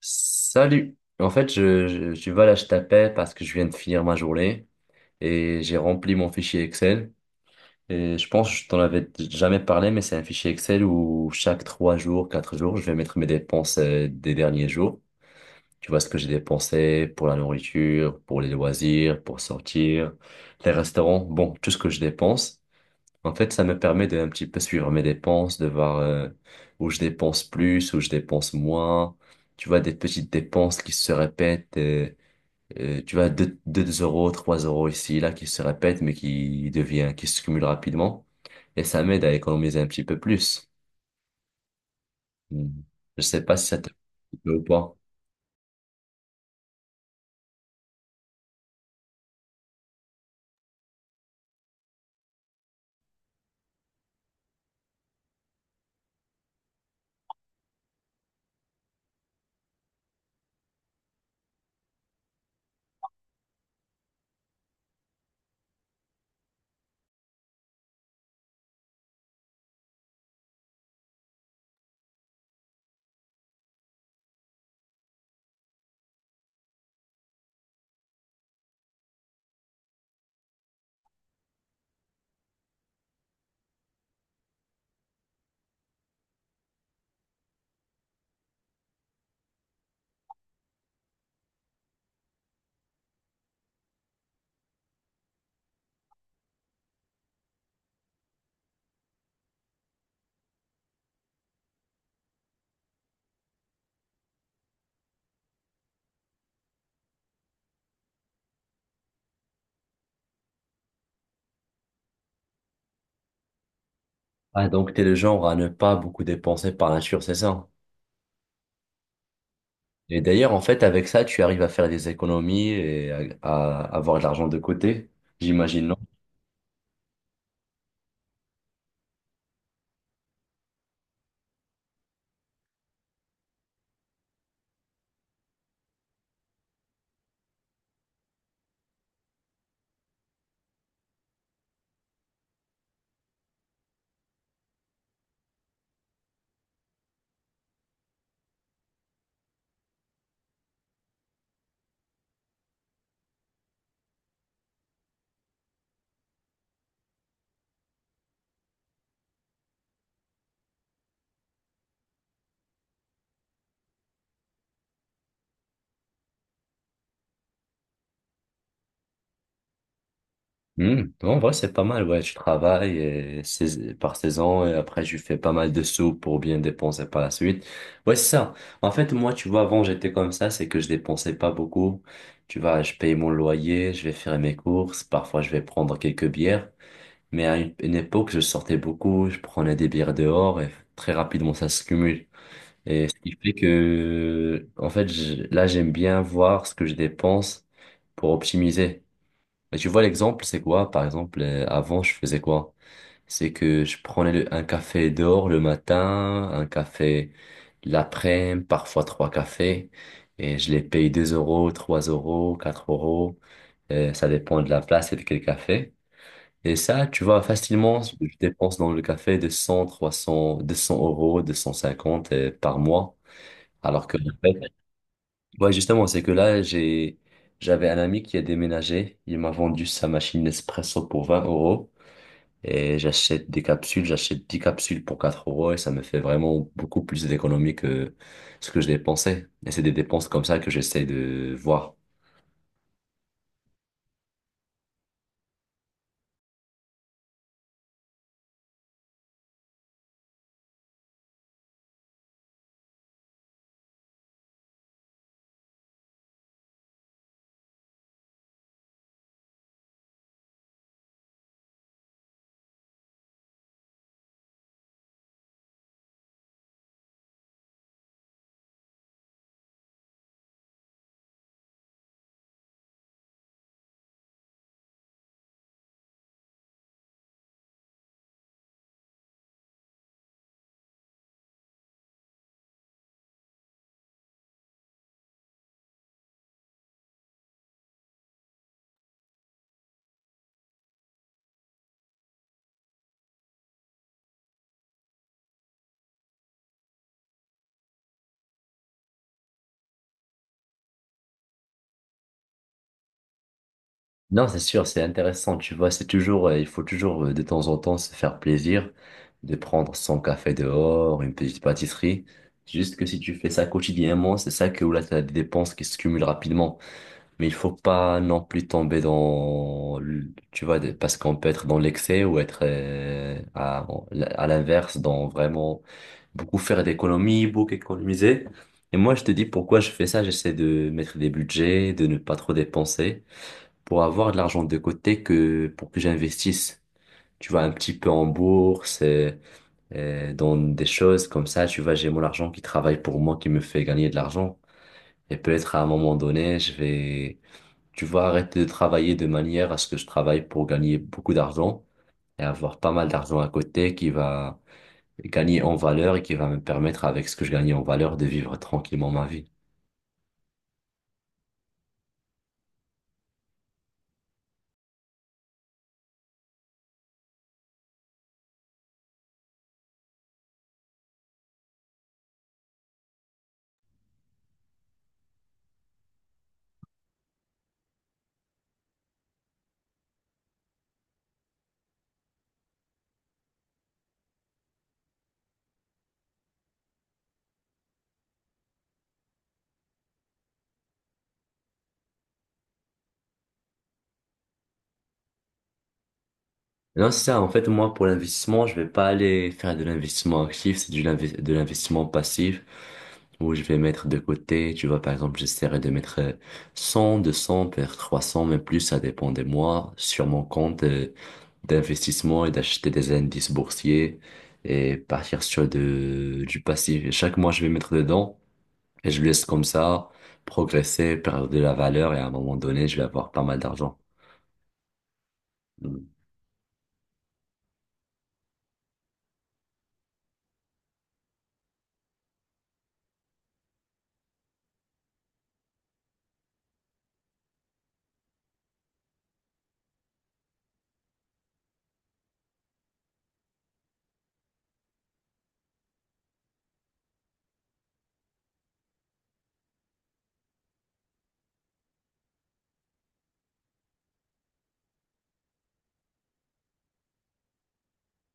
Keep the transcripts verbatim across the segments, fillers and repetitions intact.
Salut. En fait, je, je, je voilà, je t'appelle parce que je viens de finir ma journée et j'ai rempli mon fichier Excel. Et je pense que je t'en avais jamais parlé, mais c'est un fichier Excel où chaque trois jours, quatre jours, je vais mettre mes dépenses euh, des derniers jours. Tu vois ce que j'ai dépensé pour la nourriture, pour les loisirs, pour sortir, les restaurants, bon, tout ce que je dépense. En fait, ça me permet de un petit peu suivre mes dépenses, de voir euh, où je dépense plus, où je dépense moins. Tu vois, des petites dépenses qui se répètent. euh, euh, tu vois, deux deux euros, trois euros ici, là, qui se répètent, mais qui devient, qui se cumulent rapidement. Et ça m'aide à économiser un petit peu plus. Hmm. Je sais pas si ça te plaît ou pas. Ah, donc t'es le genre à ne pas beaucoup dépenser par nature, c'est ça? Et d'ailleurs, en fait, avec ça, tu arrives à faire des économies et à, à avoir de l'argent de côté, j'imagine. Hmm. En vrai, c'est pas mal. Ouais, je travaille et sais- par saison et après, je fais pas mal de sous pour bien dépenser par la suite. Ouais, c'est ça. En fait, moi, tu vois, avant, j'étais comme ça, c'est que je dépensais pas beaucoup. Tu vois, je paye mon loyer, je vais faire mes courses, parfois, je vais prendre quelques bières. Mais à une, une époque, je sortais beaucoup, je prenais des bières dehors et très rapidement, ça se cumule. Et ce qui fait que, en fait, je- là, j'aime bien voir ce que je dépense pour optimiser. Et tu vois, l'exemple, c'est quoi? Par exemple, euh, avant, je faisais quoi? C'est que je prenais le- un café dehors le matin, un café l'après-midi, parfois trois cafés, et je les paye deux euros, trois euros, quatre euros, euh, ça dépend de la place et de quel café. Et ça, tu vois, facilement, je dépense dans le café de cent, deux cents euros, deux cent cinquante euh, par mois, alors que. Ouais, justement, c'est que là, j'ai, j'avais un ami qui a déménagé. Il m'a vendu sa machine Nespresso pour vingt euros. Et j'achète des capsules, j'achète dix capsules pour quatre euros et ça me fait vraiment beaucoup plus d'économies que ce que je dépensais. Et c'est des dépenses comme ça que j'essaie de voir. Non, c'est sûr, c'est intéressant, tu vois, c'est toujours, euh, il faut toujours euh, de temps en temps se faire plaisir, de prendre son café dehors, une petite pâtisserie. Juste que si tu fais ça quotidiennement, c'est ça que où là, tu as des dépenses qui se cumulent rapidement. Mais il faut pas non plus tomber dans, le- tu vois, de- parce qu'on peut être dans l'excès ou être euh, à, à l'inverse, dans vraiment beaucoup faire d'économies, beaucoup économiser. Et moi, je te dis pourquoi je fais ça. J'essaie de mettre des budgets, de ne pas trop dépenser, pour avoir de l'argent de côté que pour que j'investisse. Tu vois, un petit peu en bourse, euh, euh, dans des choses comme ça. Tu vois, j'ai mon argent qui travaille pour moi, qui me fait gagner de l'argent. Et peut-être à un moment donné, je vais tu vas arrêter de travailler de manière à ce que je travaille pour gagner beaucoup d'argent et avoir pas mal d'argent à côté qui va gagner en valeur et qui va me permettre avec ce que je gagne en valeur de vivre tranquillement ma vie. Non, c'est ça. En fait, moi, pour l'investissement, je vais pas aller faire de l'investissement actif, c'est du l'inve- de l'investissement passif où je vais mettre de côté. Tu vois, par exemple, j'essaierai de mettre euh, cent, deux cents peut-être trois cents même plus, ça dépend des mois, sur mon compte euh, d'investissement et d'acheter des indices boursiers et partir sur de, du passif. Et chaque mois, je vais mettre dedans et je laisse comme ça progresser, perdre de la valeur et à un moment donné, je vais avoir pas mal d'argent.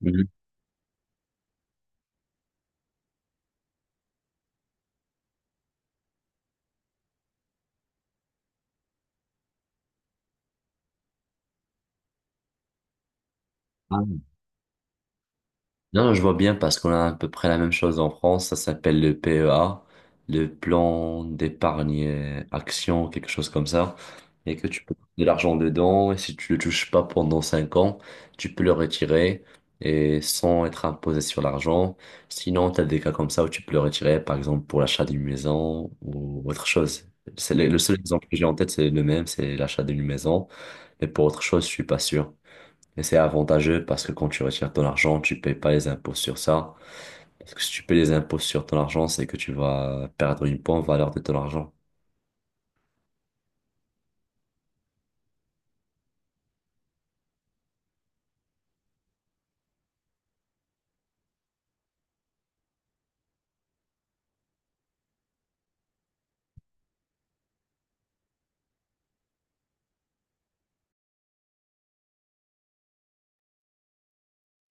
Mhm. Non, je vois bien parce qu'on a à peu près la même chose en France. Ça s'appelle le P E A, le plan d'épargne euh, action, quelque chose comme ça. Et que tu peux mettre de l'argent dedans et si tu le touches pas pendant cinq ans, tu peux le retirer et sans être imposé sur l'argent. Sinon, tu as des cas comme ça où tu peux le retirer, par exemple pour l'achat d'une maison ou autre chose. C'est le le seul exemple que j'ai en tête, c'est le même, c'est l'achat d'une maison. Mais pour autre chose, je suis pas sûr. Et c'est avantageux parce que quand tu retires ton argent, tu payes pas les impôts sur ça. Parce que si tu payes les impôts sur ton argent, c'est que tu vas perdre une bonne valeur de ton argent.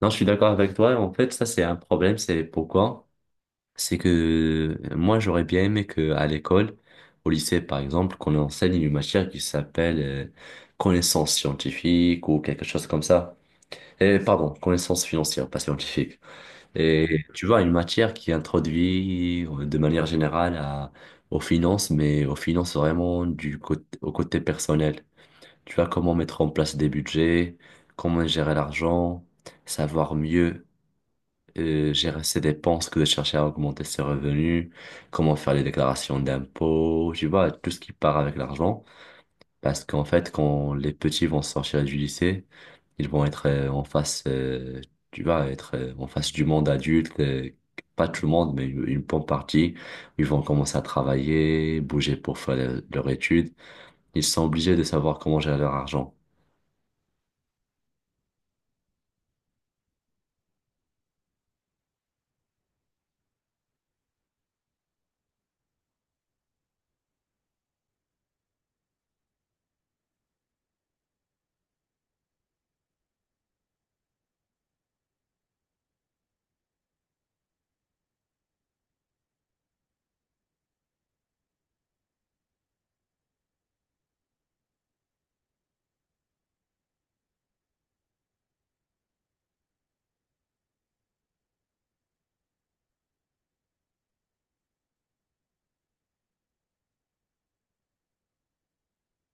Non, je suis d'accord avec toi. En fait, ça, c'est un problème. C'est pourquoi? C'est que moi, j'aurais bien aimé que à l'école, au lycée, par exemple, qu'on enseigne une matière qui s'appelle euh, connaissance scientifique ou quelque chose comme ça. Et pardon, connaissance financière, pas scientifique. Et tu vois, une matière qui introduit euh, de manière générale à, aux finances, mais aux finances vraiment du côté, au côté personnel. Tu vois, comment mettre en place des budgets, comment gérer l'argent, savoir mieux euh, gérer ses dépenses que de chercher à augmenter ses revenus, comment faire les déclarations d'impôts, tu vois, tout ce qui part avec l'argent. Parce qu'en fait, quand les petits vont sortir du lycée, ils vont être euh, en face, euh, tu vas être euh, en face du monde adulte, euh, pas tout le monde, mais une, une bonne partie. Ils vont commencer à travailler, bouger pour faire le- leur étude. Ils sont obligés de savoir comment gérer leur argent.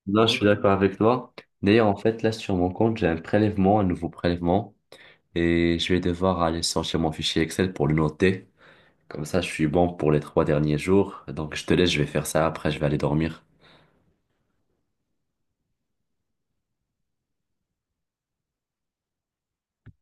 Non, je suis d'accord avec toi. D'ailleurs, en fait, là, sur mon compte, j'ai un prélèvement, un nouveau prélèvement, et je vais devoir aller sortir mon fichier Excel pour le noter. Comme ça, je suis bon pour les trois derniers jours. Donc, je te laisse, je vais faire ça. Après, je vais aller dormir.